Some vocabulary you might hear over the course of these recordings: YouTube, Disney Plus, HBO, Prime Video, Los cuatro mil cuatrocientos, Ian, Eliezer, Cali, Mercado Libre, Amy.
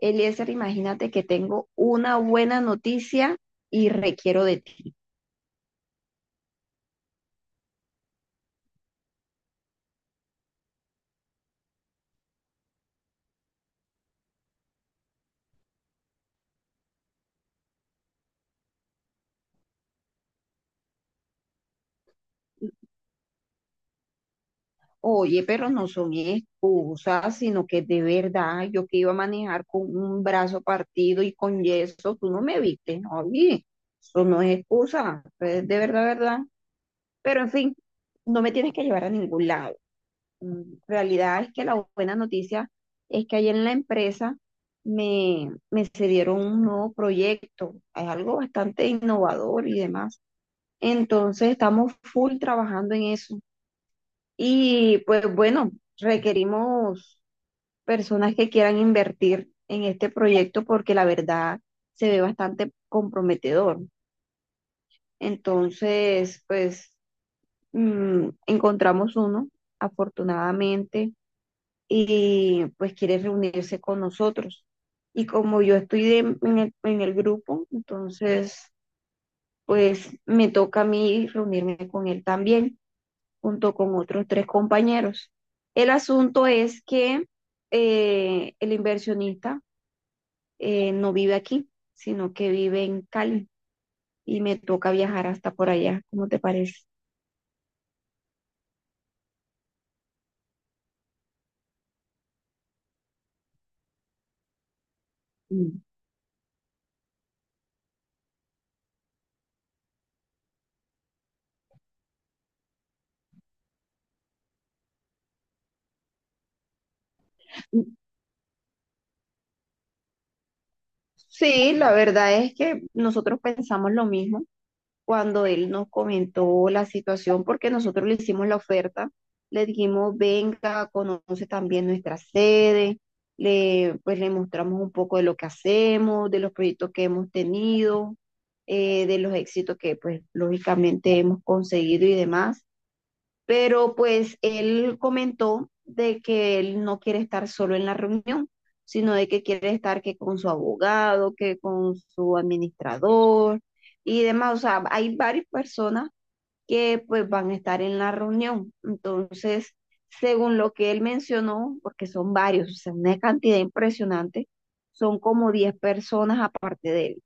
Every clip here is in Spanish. Eliezer, imagínate que tengo una buena noticia y requiero de ti. Oye, pero no son excusas, sino que de verdad yo que iba a manejar con un brazo partido y con yeso, tú no me viste, ¿no? Oye, eso no es excusa, es de verdad, verdad. Pero en fin, no me tienes que llevar a ningún lado. Realidad es que la buena noticia es que ayer en la empresa me cedieron un nuevo proyecto. Es algo bastante innovador y demás. Entonces estamos full trabajando en eso. Y pues bueno, requerimos personas que quieran invertir en este proyecto porque la verdad se ve bastante comprometedor. Entonces, pues encontramos uno, afortunadamente, y pues quiere reunirse con nosotros. Y como yo en el grupo, entonces, pues me toca a mí reunirme con él también, junto con otros tres compañeros. El asunto es que el inversionista no vive aquí, sino que vive en Cali y me toca viajar hasta por allá. ¿Cómo te parece? Mm. Sí, la verdad es que nosotros pensamos lo mismo cuando él nos comentó la situación, porque nosotros le hicimos la oferta, le dijimos, venga, conoce también nuestra sede, pues le mostramos un poco de lo que hacemos, de los proyectos que hemos tenido, de los éxitos que pues lógicamente hemos conseguido y demás, pero pues él comentó de que él no quiere estar solo en la reunión, sino de que quiere estar que con su abogado, que con su administrador y demás. O sea, hay varias personas que pues van a estar en la reunión. Entonces, según lo que él mencionó, porque son varios, o sea, una cantidad impresionante, son como 10 personas aparte de él.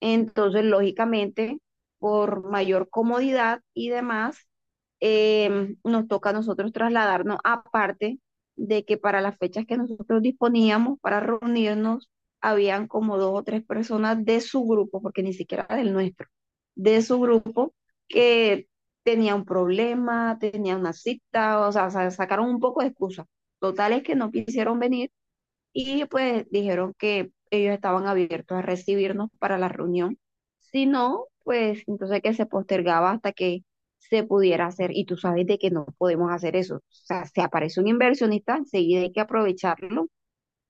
Entonces, lógicamente, por mayor comodidad y demás, nos toca a nosotros trasladarnos, aparte de que para las fechas que nosotros disponíamos para reunirnos, habían como dos o tres personas de su grupo, porque ni siquiera del nuestro, de su grupo que tenía un problema, tenía una cita, o sea, sacaron un poco de excusa. Totales que no quisieron venir y pues dijeron que ellos estaban abiertos a recibirnos para la reunión. Si no, pues entonces que se postergaba hasta que se pudiera hacer. Y tú sabes de que no podemos hacer eso. O sea, se aparece un inversionista, enseguida hay que aprovecharlo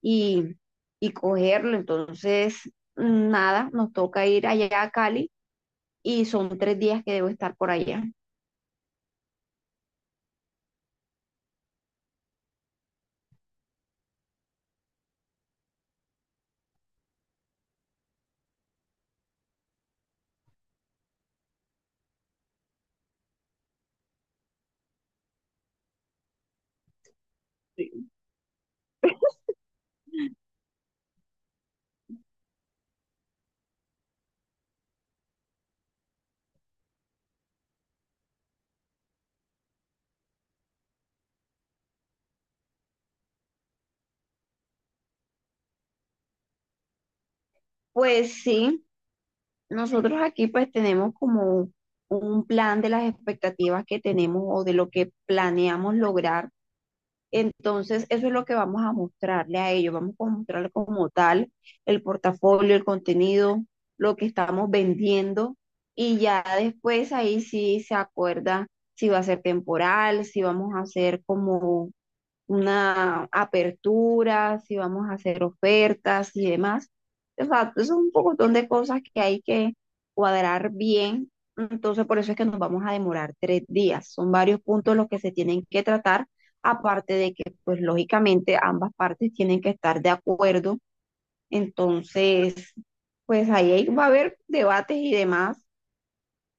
y, y cogerlo. Entonces, nada, nos toca ir allá a Cali y son 3 días que debo estar por allá. Pues sí, nosotros aquí pues tenemos como un plan de las expectativas que tenemos o de lo que planeamos lograr. Entonces, eso es lo que vamos a mostrarle a ellos. Vamos a mostrarle como tal el portafolio, el contenido, lo que estamos vendiendo y ya después ahí sí se acuerda si va a ser temporal, si vamos a hacer como una apertura, si vamos a hacer ofertas y demás. O sea, es un pocotón de cosas que hay que cuadrar bien. Entonces, por eso es que nos vamos a demorar 3 días. Son varios puntos los que se tienen que tratar, aparte de que, pues, lógicamente ambas partes tienen que estar de acuerdo. Entonces, pues ahí va a haber debates y demás.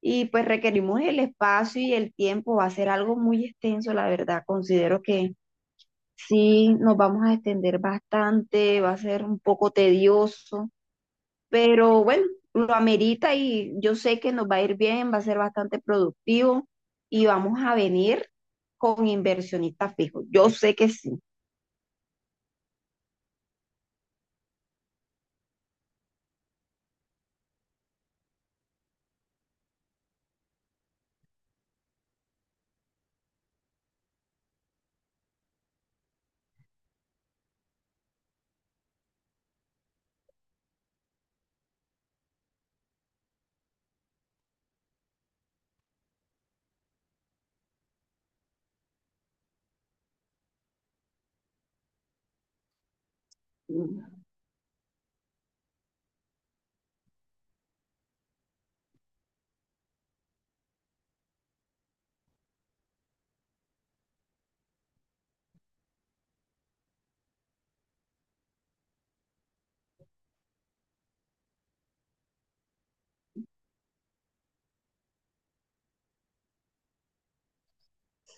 Y pues requerimos el espacio y el tiempo. Va a ser algo muy extenso, la verdad. Considero que sí, nos vamos a extender bastante, va a ser un poco tedioso, pero bueno, lo amerita y yo sé que nos va a ir bien, va a ser bastante productivo y vamos a venir con inversionistas fijos. Yo sé que sí.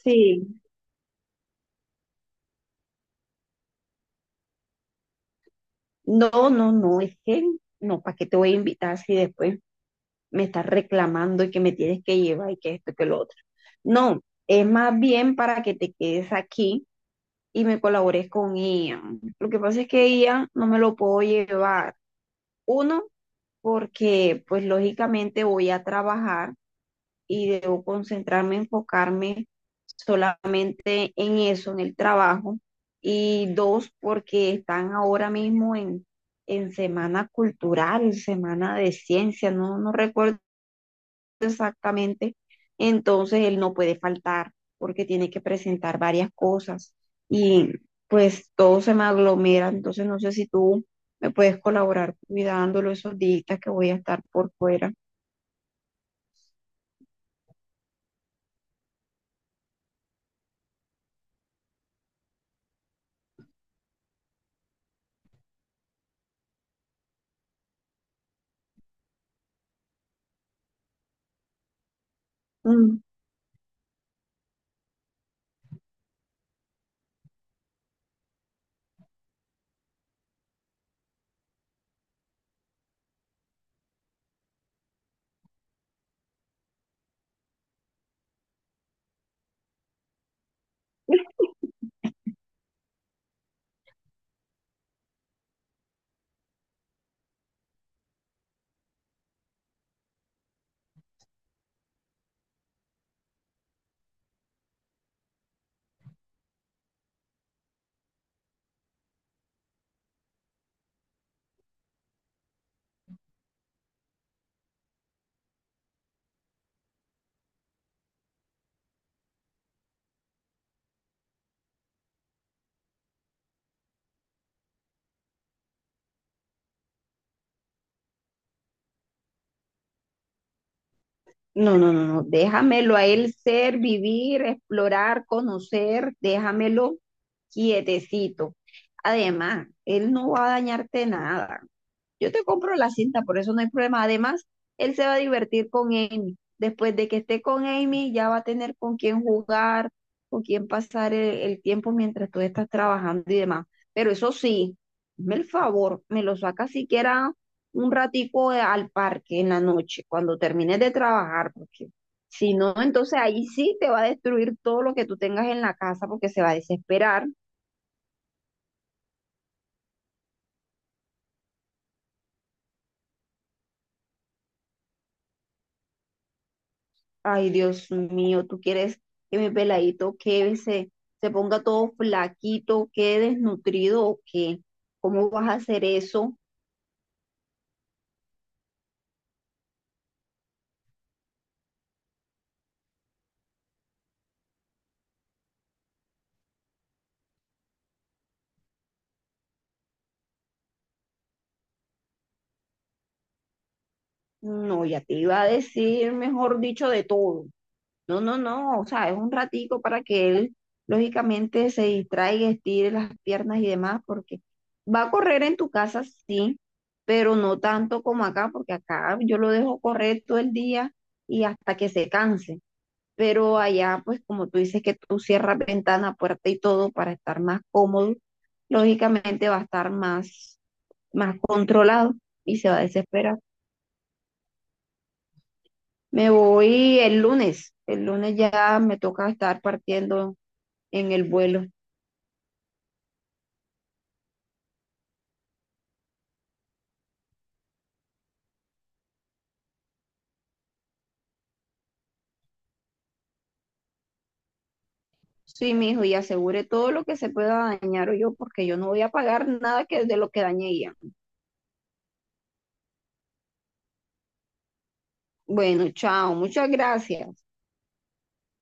Sí. No, no, no, es que no, ¿para qué te voy a invitar si después me estás reclamando y que me tienes que llevar y que esto y que lo otro? No, es más bien para que te quedes aquí y me colaboré con Ian. Lo que pasa es que Ian no me lo puedo llevar. Uno, porque pues lógicamente voy a trabajar y debo concentrarme, enfocarme solamente en eso, en el trabajo. Y dos, porque están ahora mismo en semana cultural, semana de ciencia, no, no recuerdo exactamente, entonces él no puede faltar porque tiene que presentar varias cosas y pues todo se me aglomera, entonces no sé si tú me puedes colaborar cuidándolo esos días que voy a estar por fuera. Mm. No, no, no, no, déjamelo a él ser, vivir, explorar, conocer, déjamelo quietecito. Además, él no va a dañarte nada. Yo te compro la cinta, por eso no hay problema. Además, él se va a divertir con Amy. Después de que esté con Amy, ya va a tener con quién jugar, con quién pasar el tiempo mientras tú estás trabajando y demás. Pero eso sí, hazme el favor, me lo saca siquiera un al parque en la noche, cuando termines de trabajar, porque si no, entonces ahí sí te va a destruir todo lo que tú tengas en la casa porque se va a desesperar. Ay, Dios mío, ¿tú quieres que mi peladito se ponga todo flaquito, quede desnutrido o qué? ¿Cómo vas a hacer eso? No, ya te iba a decir, mejor dicho, de todo. No, no, no, o sea, es un ratico para que él lógicamente se distraiga, estire las piernas y demás, porque va a correr en tu casa, sí, pero no tanto como acá, porque acá yo lo dejo correr todo el día y hasta que se canse. Pero allá, pues como tú dices que tú cierras ventana, puerta y todo para estar más cómodo, lógicamente va a estar más, más controlado y se va a desesperar. Me voy el lunes ya me toca estar partiendo en el vuelo. Sí, mijo, y asegure todo lo que se pueda dañar o yo, porque yo no voy a pagar nada que de lo que dañé ella. Bueno, chao, muchas gracias.